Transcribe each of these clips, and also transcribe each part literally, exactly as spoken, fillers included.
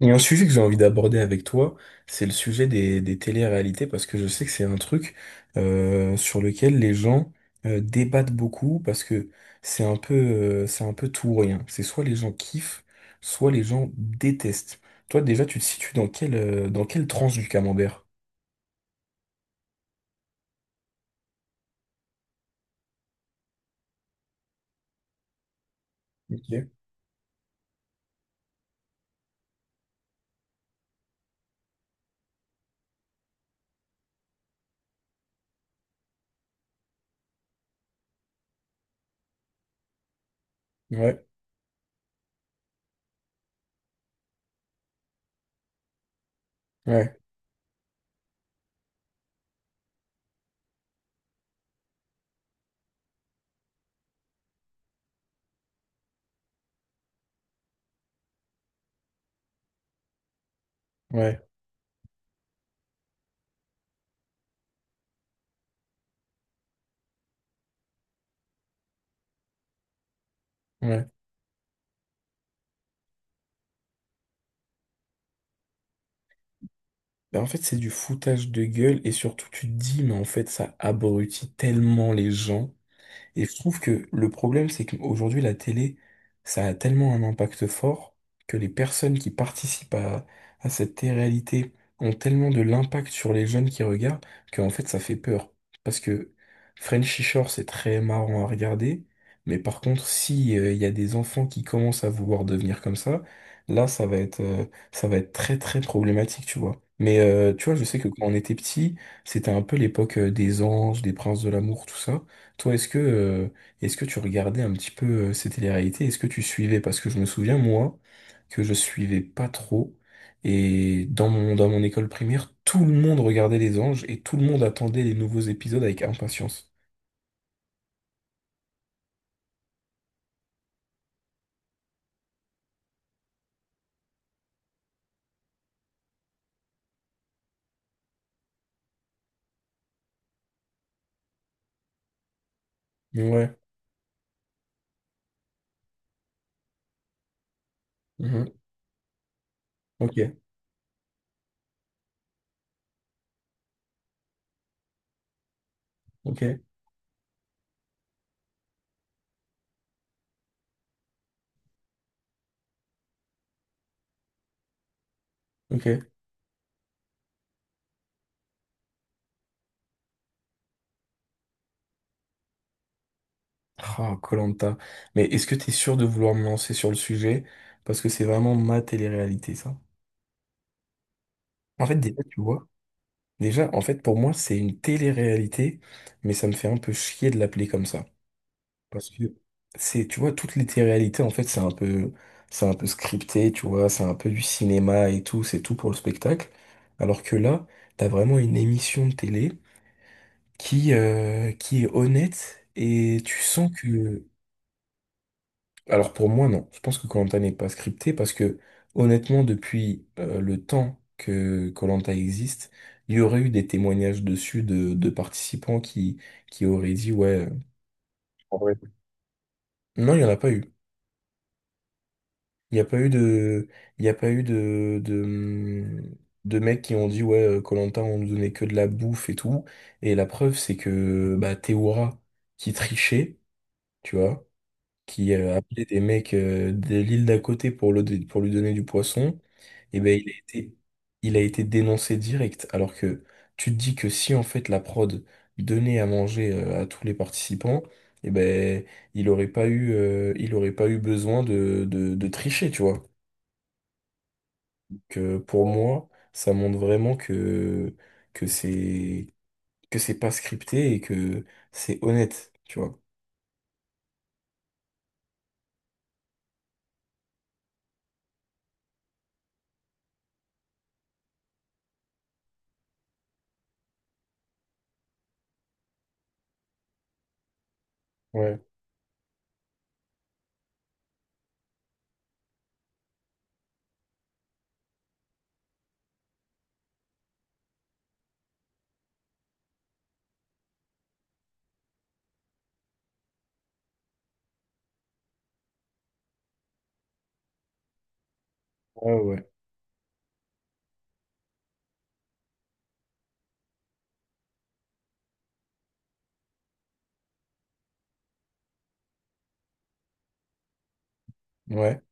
Il y a un sujet que j'ai envie d'aborder avec toi, c'est le sujet des, des téléréalités, parce que je sais que c'est un truc euh, sur lequel les gens euh, débattent beaucoup, parce que c'est un peu, euh, c'est un peu tout ou rien. C'est soit les gens kiffent, soit les gens détestent. Toi, déjà, tu te situes dans quelle, euh, dans quelle tranche du camembert? Ok. Ouais, ouais, ouais, ouais. Ben, en fait, c'est du foutage de gueule, et surtout, tu te dis, mais en fait, ça abrutit tellement les gens. Et je trouve que le problème, c'est qu'aujourd'hui, la télé, ça a tellement un impact fort que les personnes qui participent à, à cette télé-réalité ont tellement de l'impact sur les jeunes qui regardent qu'en fait, ça fait peur. Parce que Frenchy Shore, c'est très marrant à regarder, mais par contre, si euh, il y a des enfants qui commencent à vouloir devenir comme ça, là, ça va être, euh, ça va être très, très problématique, tu vois. Mais euh, tu vois, je sais que quand on était petit, c'était un peu l'époque euh, des anges, des princes de l'amour, tout ça. Toi, est-ce que, euh, est-ce que tu regardais un petit peu euh, ces télé-réalités? Est-ce que tu suivais? Parce que je me souviens, moi, que je suivais pas trop. Et dans mon, dans mon école primaire, tout le monde regardait Les Anges et tout le monde attendait les nouveaux épisodes avec impatience. Ouais. Mhm. Ok, ok, ok. Ah, koh. Mais est-ce que t'es sûr de vouloir me lancer sur le sujet? Parce que c'est vraiment ma télé-réalité, ça. En fait, déjà, tu vois, déjà, en fait, pour moi, c'est une télé-réalité, mais ça me fait un peu chier de l'appeler comme ça. Parce que c'est, tu vois, toutes les téléréalités, en fait, c'est un peu, c'est un peu scripté, tu vois, c'est un peu du cinéma et tout, c'est tout pour le spectacle. Alors que là, t'as vraiment une émission de télé qui, euh, qui est honnête et tu sens que. Alors pour moi, non. Je pense que koh n'est pas scripté parce que, honnêtement, depuis euh, le temps que koh existe, il y aurait eu des témoignages dessus de, de participants qui, qui auraient dit, ouais. En vrai. Non, il n'y en a pas eu. Il n'y a pas eu de, il y a pas eu de, de, de mecs qui ont dit, ouais, koh on nous donnait que de la bouffe et tout. Et la preuve, c'est que bah, Théoura, qui trichait, tu vois, qui euh, appelait des mecs euh, de l'île d'à côté pour, le, pour lui donner du poisson, et ben il a été, il a été dénoncé direct. Alors que tu te dis que si, en fait, la prod donnait à manger euh, à tous les participants, et ben il aurait pas eu, euh, il aurait pas eu besoin de, de, de tricher, tu vois que pour moi, ça montre vraiment que, que c'est, que c'est pas scripté et que c'est honnête, tu vois. Ouais, ouais, ouais. Ouais.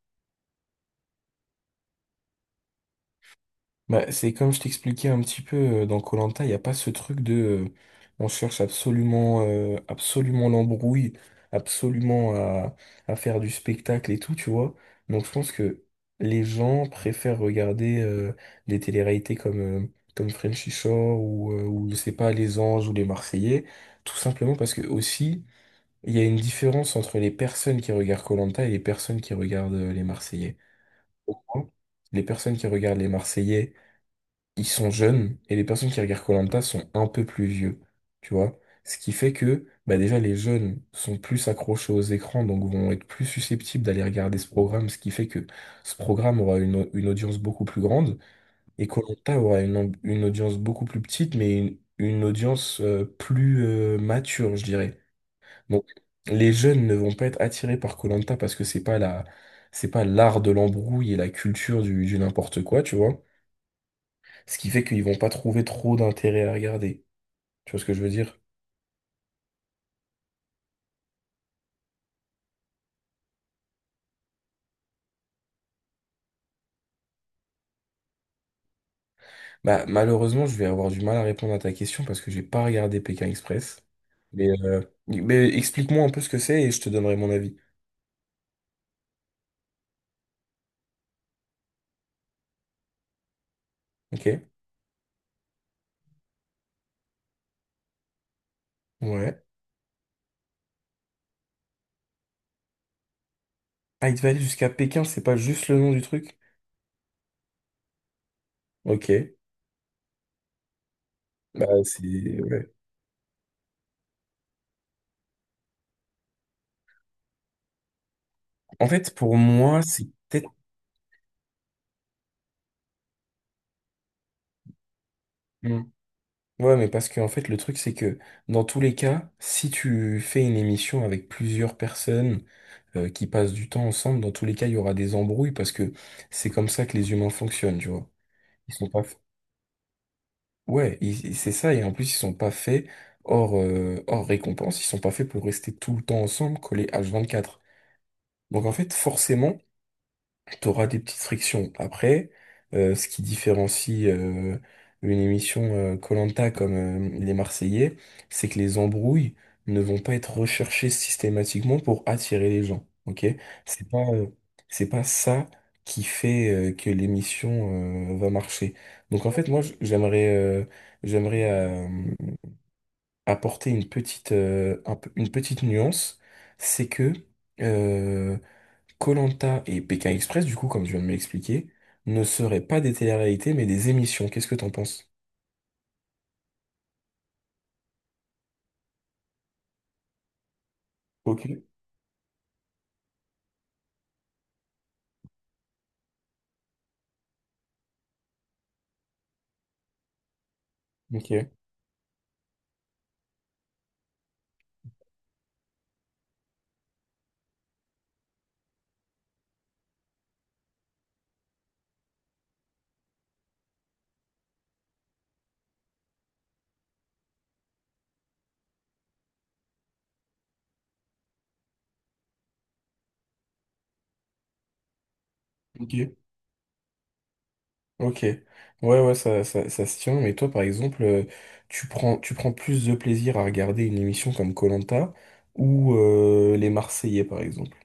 Bah, c'est comme je t'expliquais un petit peu euh, dans koh il n'y a pas ce truc de euh, on cherche absolument euh, absolument l'embrouille, absolument à, à faire du spectacle et tout, tu vois. Donc je pense que les gens préfèrent regarder euh, des télé-réalités comme, euh, comme Frenchy Shore ou, euh, ou je sais pas, Les Anges ou Les Marseillais, tout simplement parce que aussi il y a une différence entre les personnes qui regardent koh et les personnes qui regardent euh, Les Marseillais. Pourquoi Les personnes qui regardent Les Marseillais ils sont jeunes et les personnes qui regardent koh sont un peu plus vieux, tu vois. Ce qui fait que bah déjà les jeunes sont plus accrochés aux écrans, donc vont être plus susceptibles d'aller regarder ce programme, ce qui fait que ce programme aura une, au- une audience beaucoup plus grande et koh aura une, amb- une audience beaucoup plus petite, mais une, une audience euh, plus euh, mature, je dirais. Donc les jeunes ne vont pas être attirés par koh parce que c'est pas la, c'est pas l'art de l'embrouille et la culture du du n'importe quoi, tu vois. Ce qui fait qu'ils vont pas trouver trop d'intérêt à regarder. Tu vois ce que je veux dire? Bah, malheureusement, je vais avoir du mal à répondre à ta question parce que j'ai pas regardé Pékin Express. Mais, euh, mais explique-moi un peu ce que c'est et je te donnerai mon avis. Ok? Ouais. Ah, il devait aller jusqu'à Pékin, c'est pas juste le nom du truc? Ok. Bah, c'est. Ouais. En fait, pour moi, c'est peut-être. Ouais, mais parce que en fait, le truc, c'est que dans tous les cas, si tu fais une émission avec plusieurs personnes euh, qui passent du temps ensemble, dans tous les cas, il y aura des embrouilles parce que c'est comme ça que les humains fonctionnent, tu vois. Ils sont pas. Ouais, ils- ils- c'est ça, et en plus, ils sont pas faits hors, euh, hors récompense, ils sont pas faits pour rester tout le temps ensemble, collés h vingt-quatre. Donc en fait, forcément, t'auras des petites frictions. Après, euh, ce qui différencie euh, une émission koh comme euh, les Marseillais, c'est que les embrouilles ne vont pas être recherchées systématiquement pour attirer les gens. Ok? C'est pas, euh, c'est pas ça qui fait euh, que l'émission euh, va marcher. Donc en fait, moi, j- j'aimerais, euh, j'aimerais euh, apporter une petite, euh, un peu- une petite nuance, c'est que euh, Koh-Lanta et Pékin Express, du coup, comme tu viens de m'expliquer, ne seraient pas des téléréalités, mais des émissions. Qu'est-ce que t'en penses? Ok, ok, ok, ok. Ouais, ouais, ça, ça, ça se tient. Mais toi, par exemple, euh, tu prends, tu prends plus de plaisir à regarder une émission comme koh ou euh, Les Marseillais, par exemple.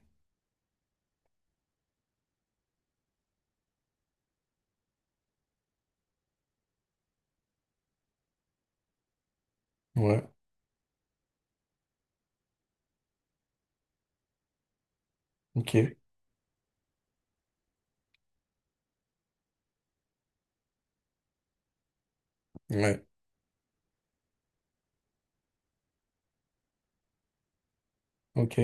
Ouais, ok, ouais, ok,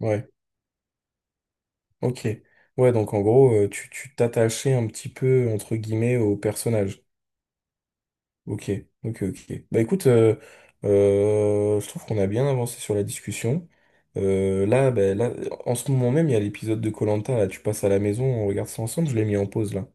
ouais, ok. Ouais, donc en gros, euh, tu, tu t'attachais un petit peu, entre guillemets, au personnage. Ok, ok, ok. Bah écoute, euh, euh, je trouve qu'on a bien avancé sur la discussion. Euh, là, bah, là, en ce moment même, il y a l'épisode de koh là, tu passes à la maison, on regarde ça ensemble, je l'ai mis en pause là.